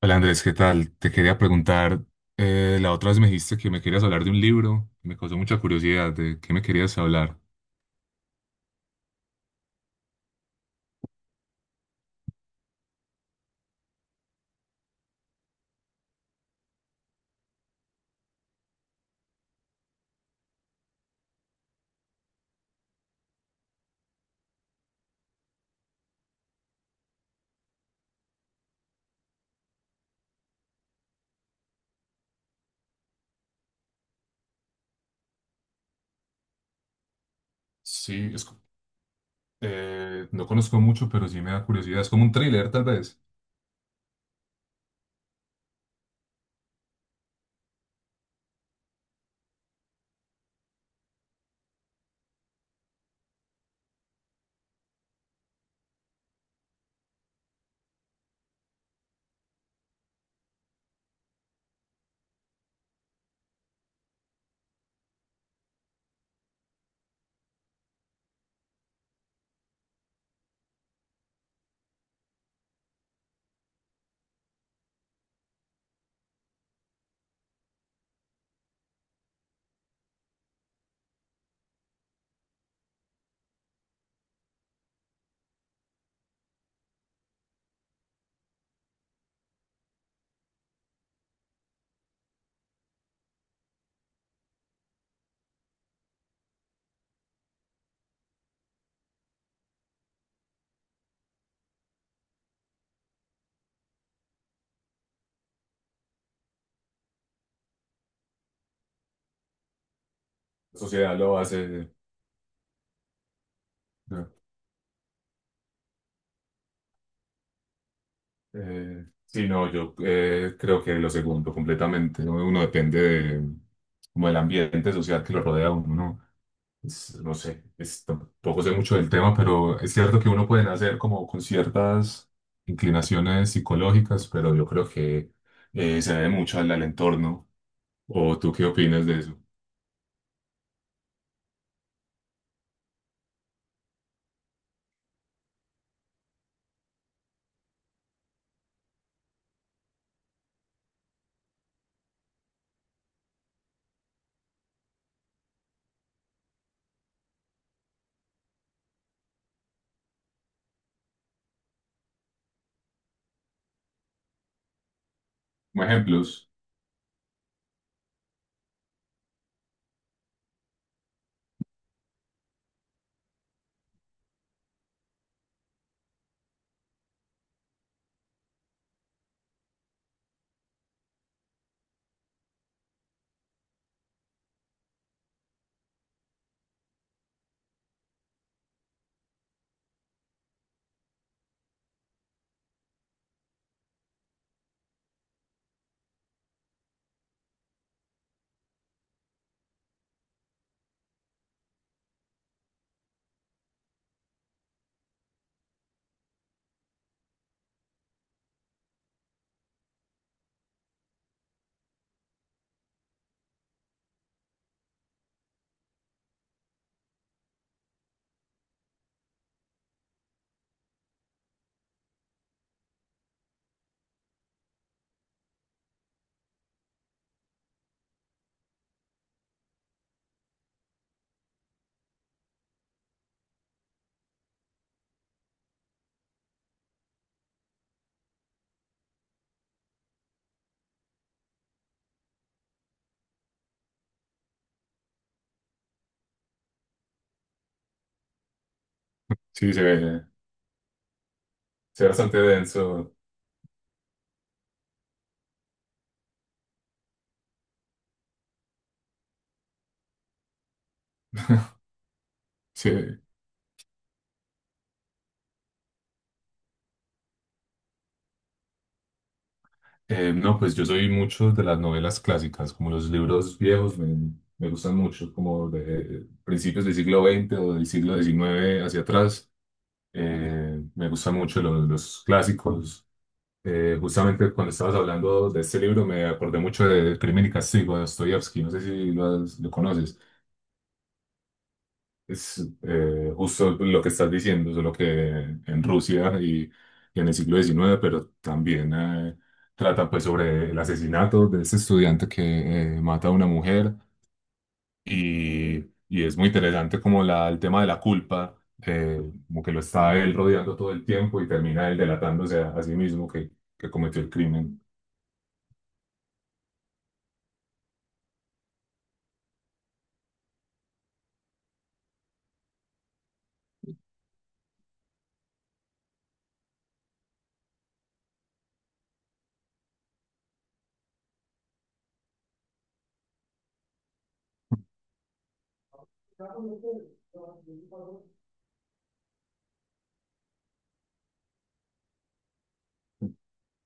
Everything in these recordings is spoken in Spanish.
Hola Andrés, ¿qué tal? Te quería preguntar, la otra vez me dijiste que me querías hablar de un libro, me causó mucha curiosidad, ¿de qué me querías hablar? Sí, es co- no conozco mucho, pero sí me da curiosidad, es como un thriller tal vez. La sociedad lo hace... ¿No? Sí, no, yo creo que lo segundo completamente, ¿no? Uno depende de, como del ambiente social que lo rodea a uno, ¿no? No sé, tampoco sé mucho del tema, pero es cierto que uno puede nacer como con ciertas inclinaciones psicológicas, pero yo creo que se debe mucho al entorno. ¿O tú qué opinas de eso? Como ejemplos, sí, se ve bastante denso. Sí, no, pues yo soy mucho de las novelas clásicas, como los libros viejos me gustan mucho, como de principios del siglo veinte o del siglo diecinueve hacia atrás. Me gustan mucho los clásicos. Justamente cuando estabas hablando de este libro me acordé mucho de Crimen y Castigo de Dostoyevsky, no sé si lo conoces. Es justo lo que estás diciendo, solo que en Rusia y en el siglo XIX, pero también trata pues sobre el asesinato de ese estudiante que mata a una mujer y, y es muy interesante como el tema de la culpa, eh, como que lo está él rodeando todo el tiempo y termina él delatándose a sí mismo que cometió el crimen.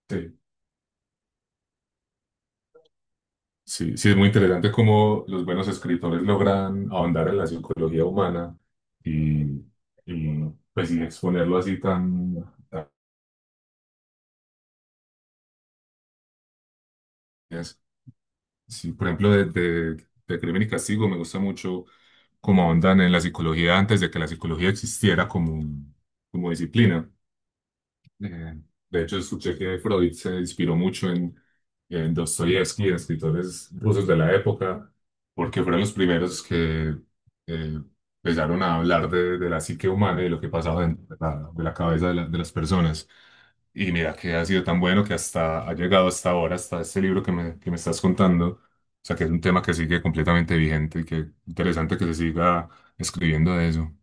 Sí. Sí, sí, es muy interesante cómo los buenos escritores logran ahondar en la psicología humana y, y, pues y exponerlo así tan... tan- es- Sí, por ejemplo, de Crimen y Castigo me gusta mucho cómo ahondan en la psicología antes de que la psicología existiera como, como disciplina. Eh, de hecho, escuché que Freud se inspiró mucho en Dostoyevsky, en escritores rusos de la época, porque fueron los primeros que eh, empezaron a hablar de la psique humana y de lo que pasaba dentro de de la cabeza de las personas. Y mira que ha sido tan bueno que hasta ha llegado hasta ahora, hasta este libro que que me estás contando. O sea, que es un tema que sigue completamente vigente y que interesante que se siga escribiendo de eso.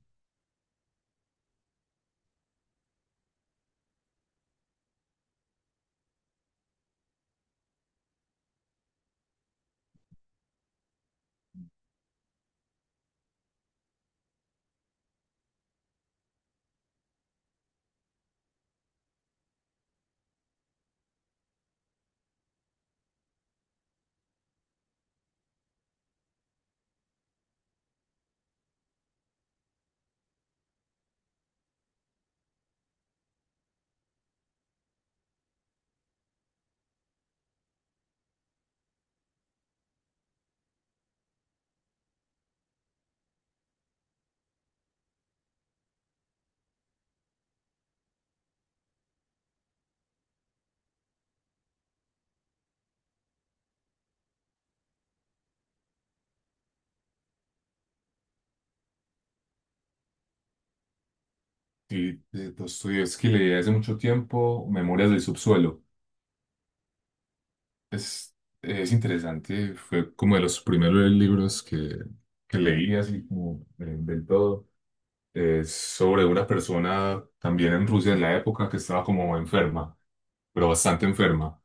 Sí, de Dostoyevsky leí hace mucho tiempo Memorias del subsuelo. Es, es interesante, fue como de los primeros libros que leí así como del todo. Es sobre una persona también en Rusia en la época que estaba como enferma, pero bastante enferma.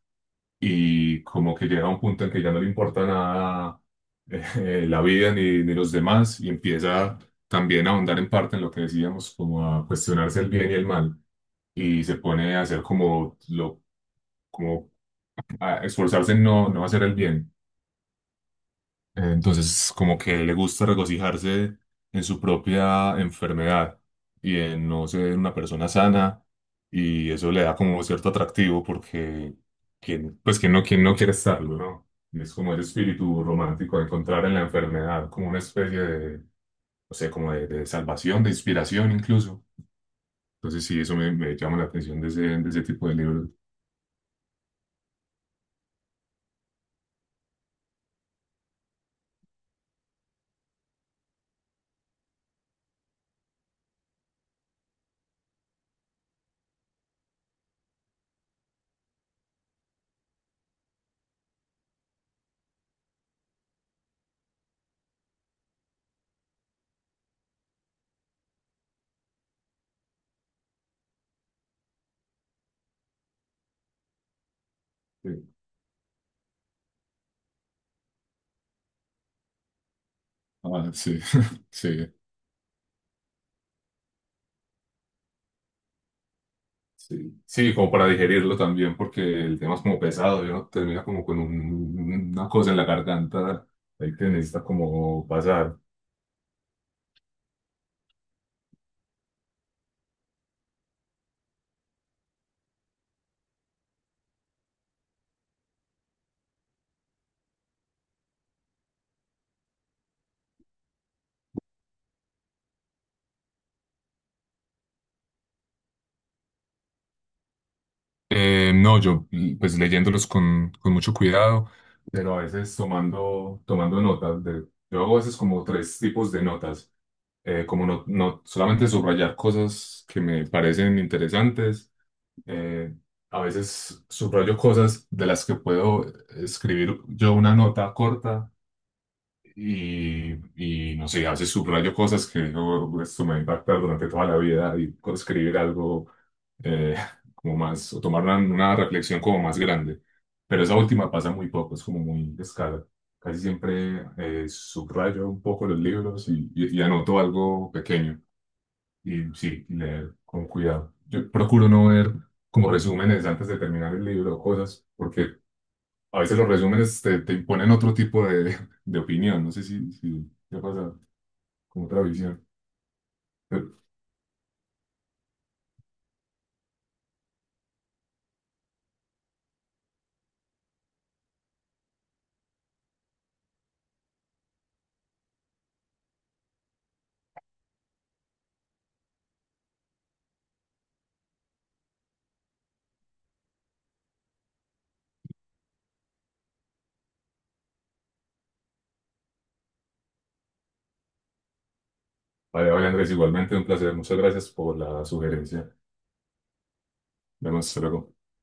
Y como que llega a un punto en que ya no le importa nada la vida ni los demás y empieza también a ahondar en parte en lo que decíamos, como a cuestionarse el bien y el mal. Y se pone a hacer como, lo, como a esforzarse en no hacer el bien. Entonces, como que le gusta regocijarse en su propia enfermedad y en no ser una persona sana, y eso le da como cierto atractivo porque, quien, pues, quien no quiere estarlo, ¿no? Y es como el espíritu romántico, de encontrar en la enfermedad como una especie de, no sé, como de salvación, de inspiración incluso. Entonces, sí, me llama la atención de de ese tipo de libros. Sí. Ah, sí, sí. Sí, sí, como para digerirlo también, porque el tema es como pesado, ¿no? Termina como con una cosa en la garganta, ahí que necesita como pasar. No, yo pues leyéndolos con mucho cuidado, pero a veces tomando notas. De, yo hago a veces como tres tipos de notas, como no solamente subrayar cosas que me parecen interesantes, eh, a veces subrayo cosas de las que puedo escribir yo una nota corta. Y, y no sé, a veces subrayo cosas que digo, esto me va a impactar durante toda la vida y puedo escribir algo eh, como más, o tomar una reflexión como más grande. Pero esa última pasa muy poco, es como muy descarada. Casi siempre subrayo un poco los libros y, y anoto algo pequeño. Y sí, leer con cuidado. Yo procuro no ver como resúmenes antes de terminar el libro o cosas, porque a veces los resúmenes te imponen otro tipo de opinión. No sé si, si te ha pasado con otra visión. Pero, vale, vale, Andrés, igualmente un placer. Muchas gracias por la sugerencia. Vemos luego.